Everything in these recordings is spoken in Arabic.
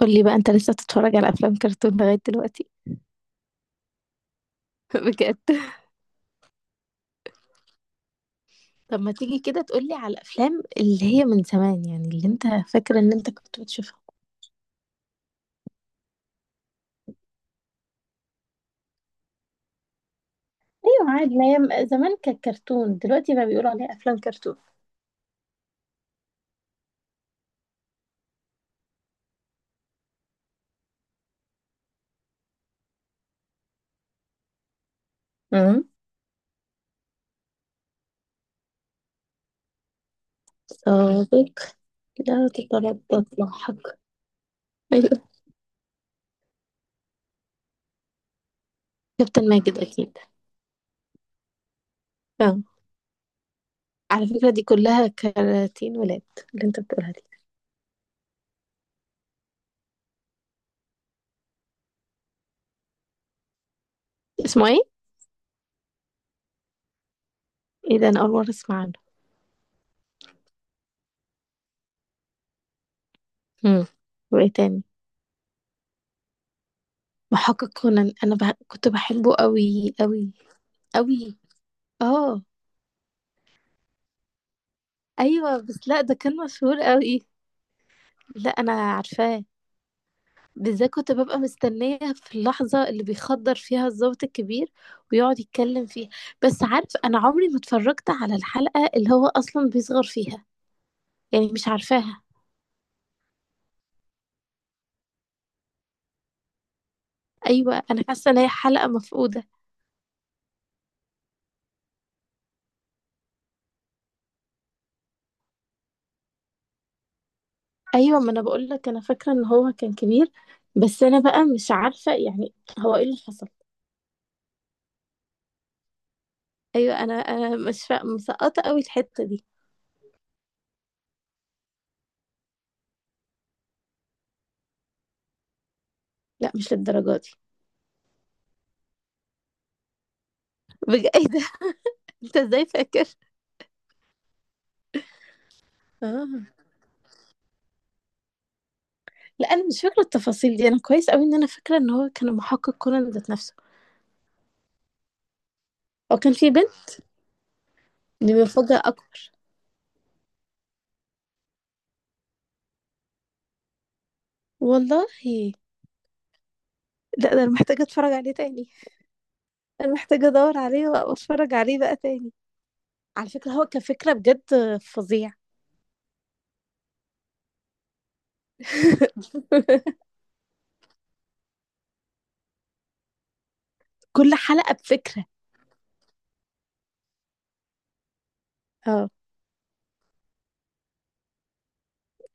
قولي بقى انت لسه بتتفرج على افلام كرتون لغاية دلوقتي؟ بجد. طب ما تيجي كده تقولي على الافلام اللي هي من زمان، يعني اللي انت فاكرة ان انت كنت بتشوفها. ايوه عادي، ما هي زمان كانت كرتون، دلوقتي بقى بيقولوا عليها افلام كرتون. امم، سابق. لا تتردد لاحق. ايوه. كابتن ماجد اكيد. اه، على فكرة دي كلها كراتين ولاد اللي انت بتقولها دي. اسمه ايه؟ ايه ده، انا اول مرة اسمع عنه. امم، وايه تاني؟ محقق كونان كنت بحبه قوي قوي. قوي. اه. ايوه بس لا، ده كان مشهور قوي. لا انا عارفاه، بالذات كنت ببقى مستنيه في اللحظه اللي بيخدر فيها الضابط الكبير ويقعد يتكلم فيها. بس عارف، انا عمري ما اتفرجت على الحلقه اللي هو اصلا بيصغر فيها، يعني مش عارفاها. ايوه، انا حاسه ان هي حلقه مفقوده. ايوه، ما انا بقول لك انا فاكره ان هو كان كبير، بس انا بقى مش عارفه يعني هو ايه اللي حصل. ايوه، انا مش فا... مسقطه قوي الحته دي. لا، مش للدرجه دي. بجد؟ ايه ده، انت ازاي فاكر؟ اه. لا، انا مش فاكره التفاصيل دي. انا كويس قوي ان انا فاكره ان هو كان محقق كونان ذات نفسه. هو كان في بنت؟ دي مفاجاه اكبر. والله. لا، ده انا محتاجه اتفرج عليه تاني. انا محتاجه ادور عليه واتفرج عليه بقى تاني. على فكره هو كفكره بجد فظيع. كل حلقه بفكره. اه،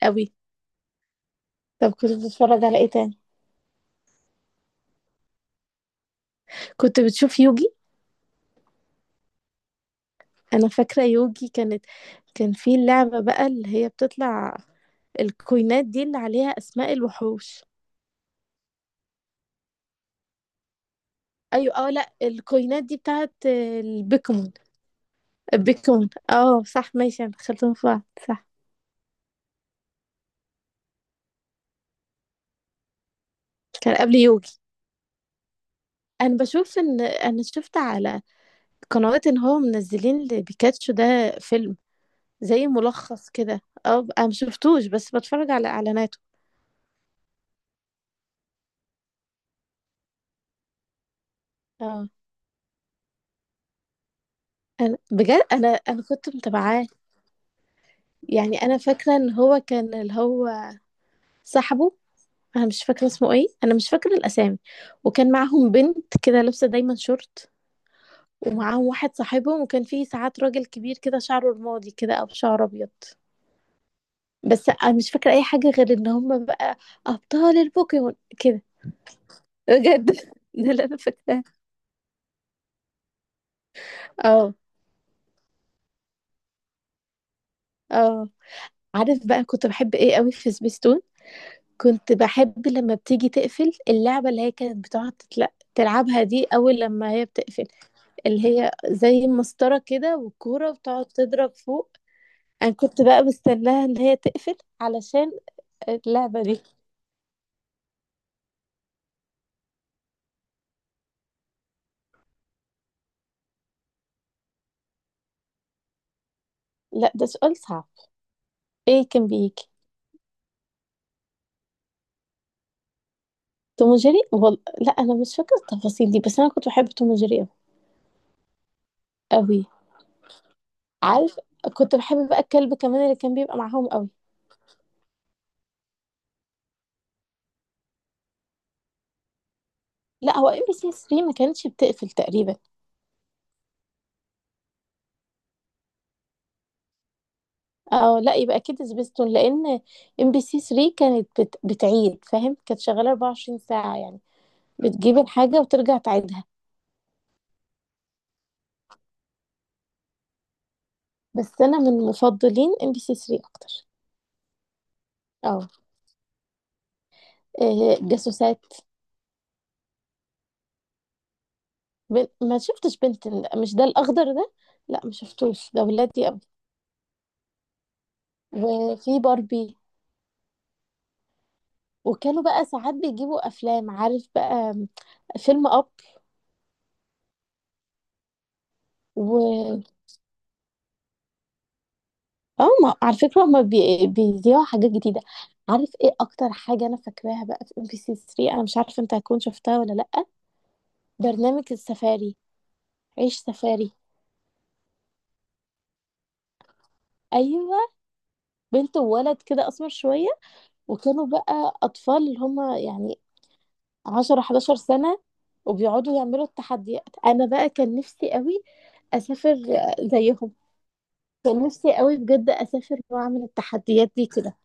قوي. طب كنت بتتفرج على ايه تاني؟ كنت بتشوف يوجي. انا فاكره يوجي كانت، كان في اللعبه بقى اللي هي بتطلع الكوينات دي اللي عليها اسماء الوحوش. ايوه اه لا، الكوينات دي بتاعت البيكمون. البيكمون، اه صح ماشي، انا دخلتهم في بعض. صح. كان قبل يوجي. انا بشوف ان انا شفت على قنوات ان هو منزلين لبيكاتشو ده فيلم زي ملخص كده. اه انا مشفتوش بس بتفرج على اعلاناته. اه، انا بجد انا كنت متابعاه. يعني انا فاكره ان هو كان، اللي هو صاحبه. انا مش فاكره اسمه ايه، انا مش فاكره الاسامي. وكان معاهم بنت كده لابسه دايما شورت، ومعاهم واحد صاحبهم، وكان فيه ساعات راجل كبير كده شعره رمادي كده او شعر ابيض. بس انا مش فاكره اي حاجه غير ان هم بقى ابطال البوكيمون كده. بجد ده اللي انا فاكراه. اه. اه، عارف بقى كنت بحب ايه قوي في سبيستون؟ كنت باحب لمّا بتيجي تقفل، اللعبة اللي هي كانت بتقعد تلعبها دي أول لمّا هي بتقفل، اللي هي زي مسطرة كده والكورة بتقعد تضرب فوق. أنا كنت بقى مستناها إن هي تقفل علشان اللعبة دي. لأ، ده سؤال صعب. إيه كان بييجي؟ توم وجيري؟ لأ، أنا مش فاكرة التفاصيل دي، بس أنا كنت باحب توم وجيري أوي. أوي. عارف، كنت باحب بقى الكلب كمان اللي كان بيبقى معاهم أوي. لأ، هو MBC3 ما كانتش بتقفل تقريبًا. اه لا، يبقى اكيد سبيستون، لان ام بي سي 3 كانت بتعيد، فاهم؟ كانت شغاله 24 ساعه يعني، بتجيب الحاجه وترجع تعيدها. بس انا من مفضلين ام بي سي 3 اكتر. اه، إيه، جاسوسات. ما شفتش بنتن. لأ، مش ده، الاخضر ده لا ما شفتوش، ده ولادي قوي. وفي باربي. وكانوا بقى ساعات بيجيبوا افلام، عارف بقى، فيلم اب و... اه، ما على فكرة هما بيذيعوا حاجات جديدة. عارف ايه اكتر حاجة انا فاكراها بقى في ام بي سي 3؟ انا مش عارفة انت هتكون شفتها ولا لأ. برنامج السفاري، عيش سفاري. ايوه، بنت وولد كده اسمر شوية، وكانوا بقى اطفال اللي هما يعني 10 11 سنة، وبيقعدوا يعملوا التحديات. انا بقى كان نفسي قوي اسافر زيهم. كان نفسي قوي بجد اسافر واعمل التحديات دي كده.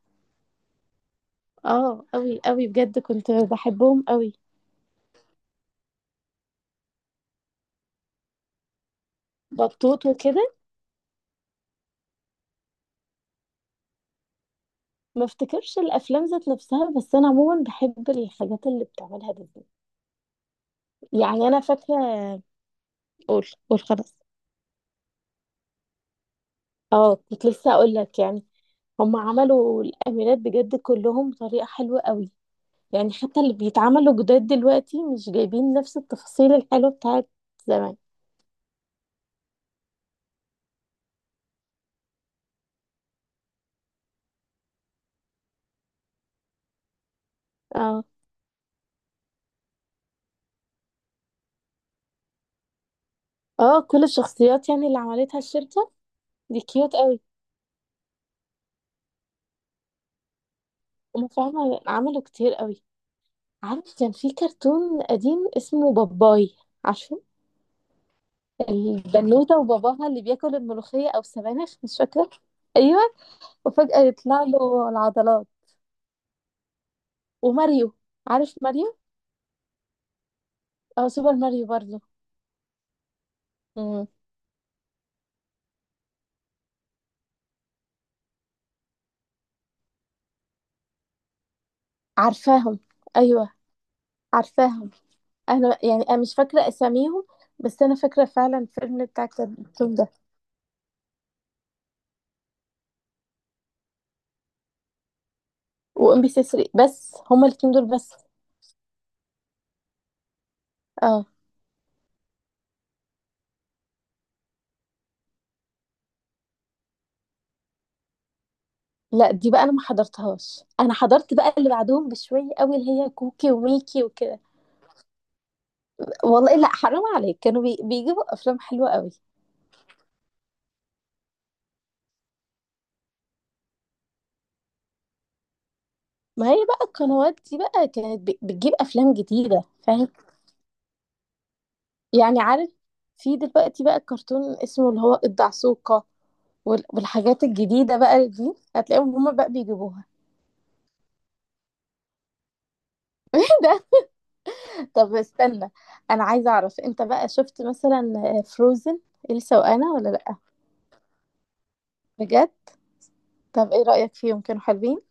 اه، قوي قوي، بجد كنت بحبهم قوي. بطوط وكده. ما افتكرش الافلام ذات نفسها، بس انا عموما بحب الحاجات اللي بتعملها ديزني. يعني انا فاكره، قول قول خلاص. اه، كنت لسه اقول لك يعني هم عملوا الاميرات بجد كلهم بطريقه حلوه قوي. يعني حتى اللي بيتعملوا جداد دلوقتي مش جايبين نفس التفاصيل الحلوه بتاعت زمان. اه. اه، كل الشخصيات يعني اللي عملتها الشركه دي كيوت قوي. هم فعلا عملوا كتير قوي. عارف كان في كرتون قديم اسمه باباي؟ عارفه، البنوتة وباباها اللي بياكل الملوخية أو السبانخ مش فاكرة. أيوه. وفجأة يطلع له العضلات. وماريو، عارف ماريو؟ أو سوبر ماريو برضه. مم. عارفاهم. أيوه عارفاهم. أنا يعني أنا مش فاكرة أساميهم، بس أنا فاكرة فعلا الفيلم بتاع الكرتون ده. وإم بي سي 3 بس، هما الاتنين دول بس. اه. لا دي بقى أنا ما حضرتهاش، أنا حضرت بقى اللي بعدهم بشوية قوي، اللي هي كوكي وميكي وكده. والله لا، حرام عليك، كانوا بيجيبوا أفلام حلوة قوي. ما هي بقى القنوات دي بقى كانت بتجيب افلام جديده، فاهم؟ يعني عارف، في دلوقتي بقى الكرتون اسمه اللي هو الدعسوقه، والحاجات الجديده بقى دي هتلاقيهم هما بقى بيجيبوها. ده. طب استنى، انا عايزه اعرف انت بقى شفت مثلا فروزن، إلسا وانا، ولا لا؟ بجد؟ طب ايه رايك فيهم، كانوا حلوين؟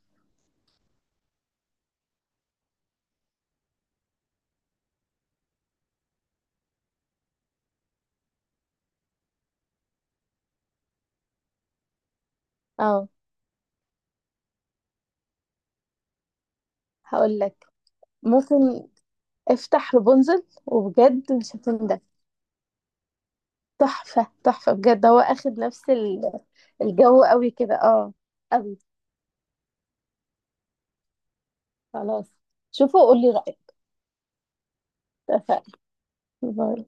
اه. هقول لك، ممكن افتح رابنزل وبجد مش هتندم. تحفة تحفة بجد، هو اخد نفس الجو قوي كده. اه قوي. خلاص، شوفوا وقولي رأيك. اتفقنا. باي.